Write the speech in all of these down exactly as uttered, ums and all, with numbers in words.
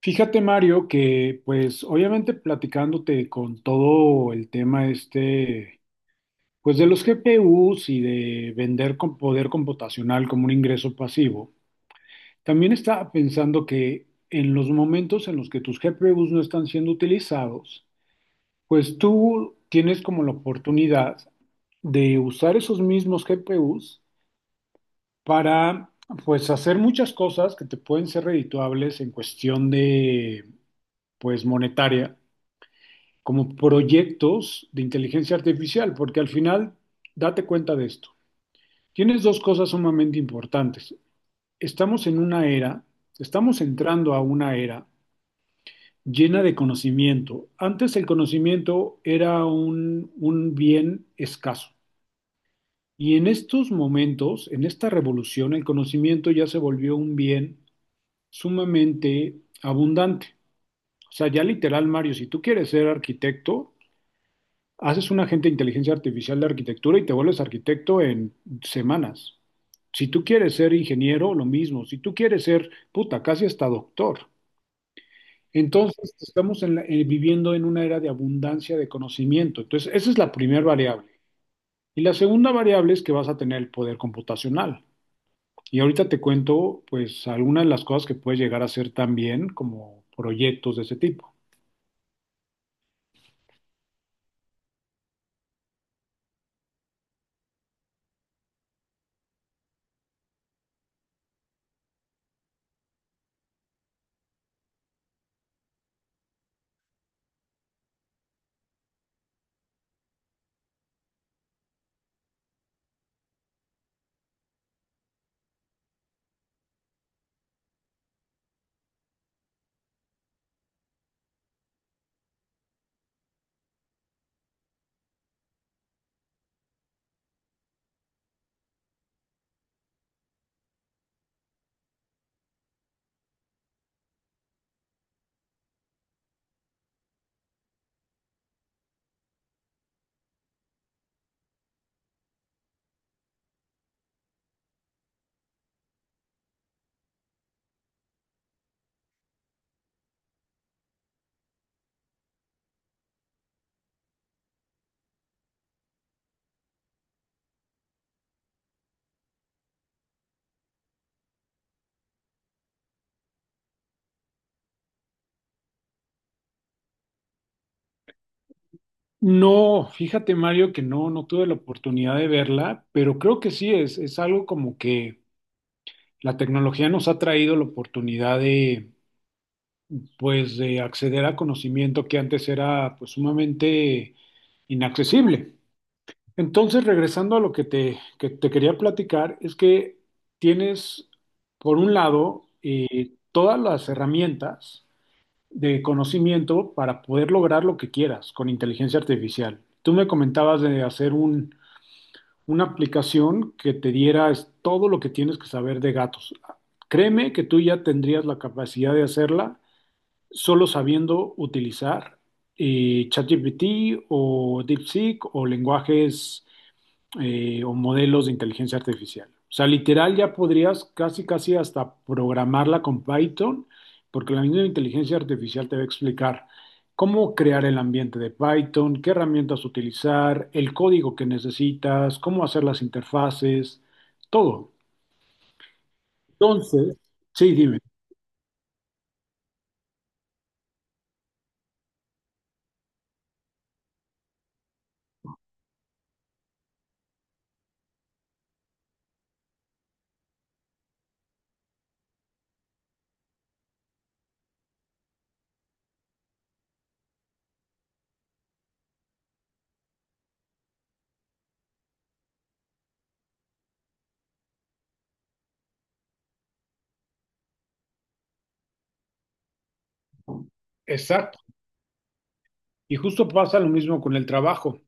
Fíjate, Mario, que pues obviamente platicándote con todo el tema este, pues de los G P Us y de vender con poder computacional como un ingreso pasivo, también estaba pensando que en los momentos en los que tus G P Us no están siendo utilizados, pues tú tienes como la oportunidad de usar esos mismos G P Us para pues hacer muchas cosas que te pueden ser redituables en cuestión de pues monetaria como proyectos de inteligencia artificial, porque al final, date cuenta de esto. Tienes dos cosas sumamente importantes. Estamos en una era, estamos entrando a una era llena de conocimiento. Antes el conocimiento era un, un bien escaso. Y en estos momentos, en esta revolución, el conocimiento ya se volvió un bien sumamente abundante. O sea, ya literal, Mario, si tú quieres ser arquitecto, haces un agente de inteligencia artificial de arquitectura y te vuelves arquitecto en semanas. Si tú quieres ser ingeniero, lo mismo. Si tú quieres ser, puta, casi hasta doctor. Entonces, estamos en la- eh, viviendo en una era de abundancia de conocimiento. Entonces, esa es la primera variable. Y la segunda variable es que vas a tener el poder computacional. Y ahorita te cuento, pues, algunas de las cosas que puedes llegar a hacer también como proyectos de ese tipo. No, fíjate Mario que no, no tuve la oportunidad de verla, pero creo que sí es, es algo como que la tecnología nos ha traído la oportunidad de, pues, de acceder a conocimiento que antes era, pues, sumamente inaccesible. Entonces, regresando a lo que te, que te quería platicar, es que tienes, por un lado, eh, todas las herramientas de conocimiento para poder lograr lo que quieras con inteligencia artificial. Tú me comentabas de hacer un una aplicación que te diera es- todo lo que tienes que saber de gatos. Créeme que tú ya tendrías la capacidad de hacerla solo sabiendo utilizar eh, ChatGPT o DeepSeek o lenguajes eh, o modelos de inteligencia artificial. O sea, literal ya podrías casi, casi hasta programarla con Python, porque la misma inteligencia artificial te va a explicar cómo crear el ambiente de Python, qué herramientas utilizar, el código que necesitas, cómo hacer las interfaces, todo. Entonces, sí, dime. Exacto. Y justo pasa lo mismo con el trabajo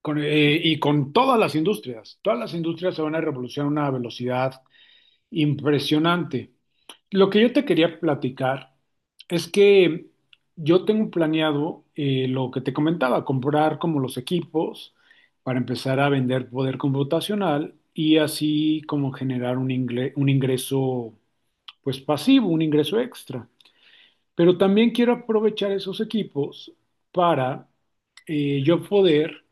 con, eh, y con todas las industrias. Todas las industrias se van a revolucionar a una velocidad impresionante. Lo que yo te quería platicar es que yo tengo planeado eh, lo que te comentaba, comprar como los equipos para empezar a vender poder computacional y así como generar un ingle- un ingreso pues pasivo, un ingreso extra. Pero también quiero aprovechar esos equipos para eh, yo poder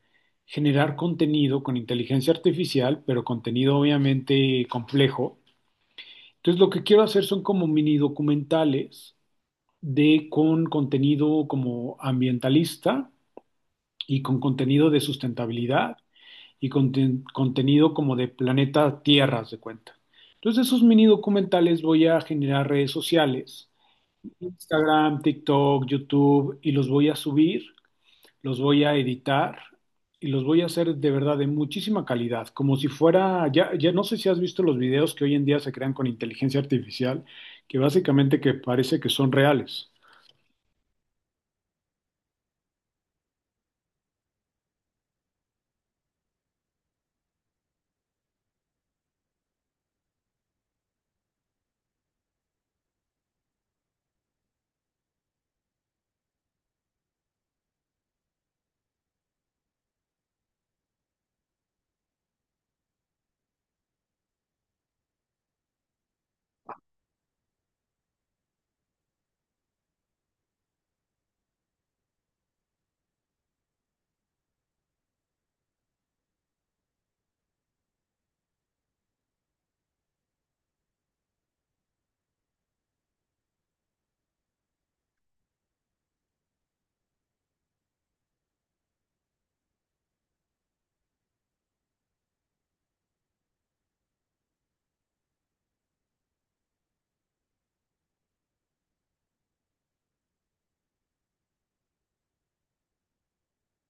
generar contenido con inteligencia artificial, pero contenido obviamente complejo, entonces, lo que quiero hacer son como mini documentales de con contenido como ambientalista y con contenido de sustentabilidad y conten- contenido como de planeta Tierra, haz de cuenta. Entonces, esos mini documentales voy a generar redes sociales, Instagram, TikTok, YouTube, y los voy a subir, los voy a editar y los voy a hacer de verdad de muchísima calidad, como si fuera, ya, ya no sé si has visto los videos que hoy en día se crean con inteligencia artificial, que básicamente que parece que son reales.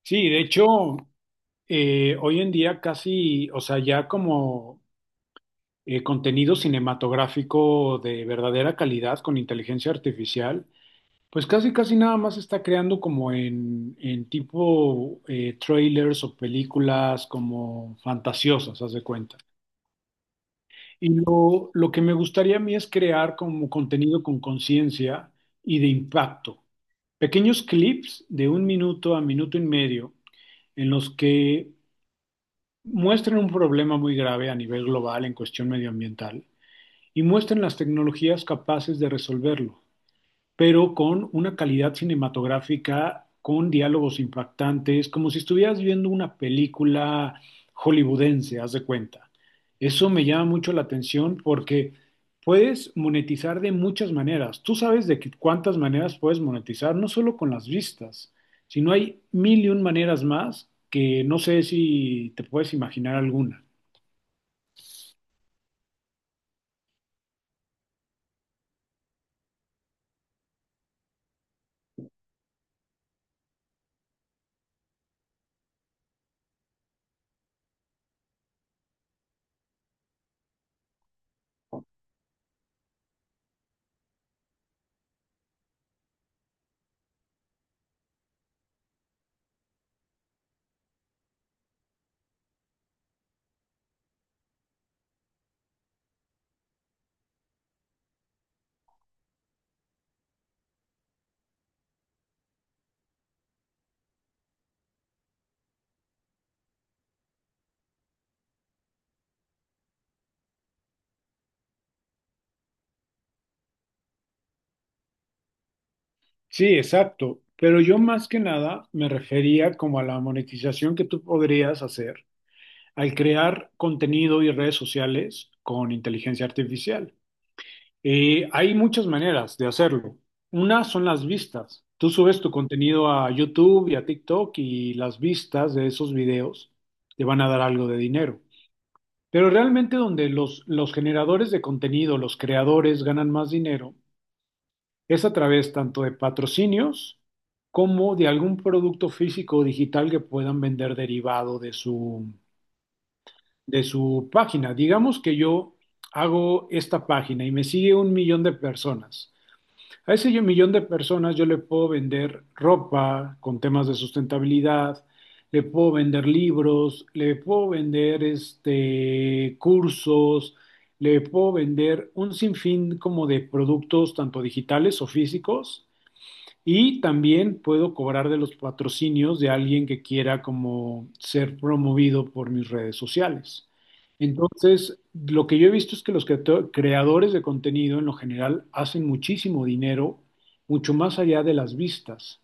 Sí, de hecho, eh, hoy en día casi, o sea, ya como eh, contenido cinematográfico de verdadera calidad con inteligencia artificial, pues casi, casi nada más se está creando como en, en tipo eh, trailers o películas como fantasiosas, haz de cuenta. Y lo, lo que me gustaría a mí es crear como contenido con conciencia y de impacto. Pequeños clips de un minuto a minuto y medio en los que muestren un problema muy grave a nivel global en cuestión medioambiental y muestren las tecnologías capaces de resolverlo pero con una calidad cinematográfica, con diálogos impactantes, como si estuvieras viendo una película hollywoodense, haz de cuenta. Eso me llama mucho la atención porque puedes monetizar de muchas maneras. Tú sabes de qué- cuántas maneras puedes monetizar, no solo con las vistas, sino hay mil y un maneras más que no sé si te puedes imaginar alguna. Sí, exacto. Pero yo más que nada me refería como a la monetización que tú podrías hacer al crear contenido y redes sociales con inteligencia artificial. Eh, hay muchas maneras de hacerlo. Una son las vistas. Tú subes tu contenido a YouTube y a TikTok y las vistas de esos videos te van a dar algo de dinero. Pero realmente donde los, los generadores de contenido, los creadores ganan más dinero, es a través tanto de patrocinios como de algún producto físico o digital que puedan vender derivado de su, de su página. Digamos que yo hago esta página y me sigue un millón de personas. A ese millón de personas yo le puedo vender ropa con temas de sustentabilidad, le puedo vender libros, le puedo vender este, cursos, le puedo vender un sinfín como de productos tanto digitales o físicos y también puedo cobrar de los patrocinios de alguien que quiera como ser promovido por mis redes sociales. Entonces, lo que yo he visto es que los creato- creadores de contenido en lo general hacen muchísimo dinero, mucho más allá de las vistas.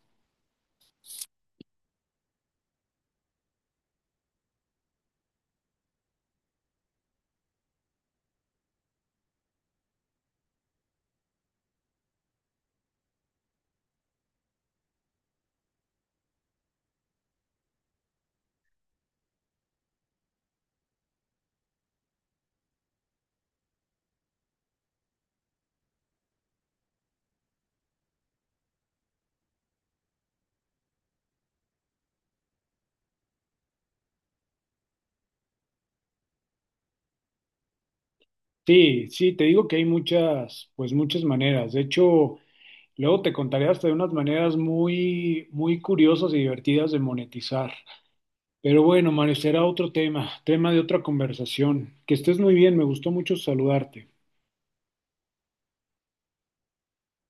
Sí, sí, te digo que hay muchas, pues muchas maneras. De hecho, luego te contaré hasta de unas maneras muy, muy curiosas y divertidas de monetizar. Pero bueno, Mario, será otro tema, tema de otra conversación. Que estés muy bien, me gustó mucho saludarte.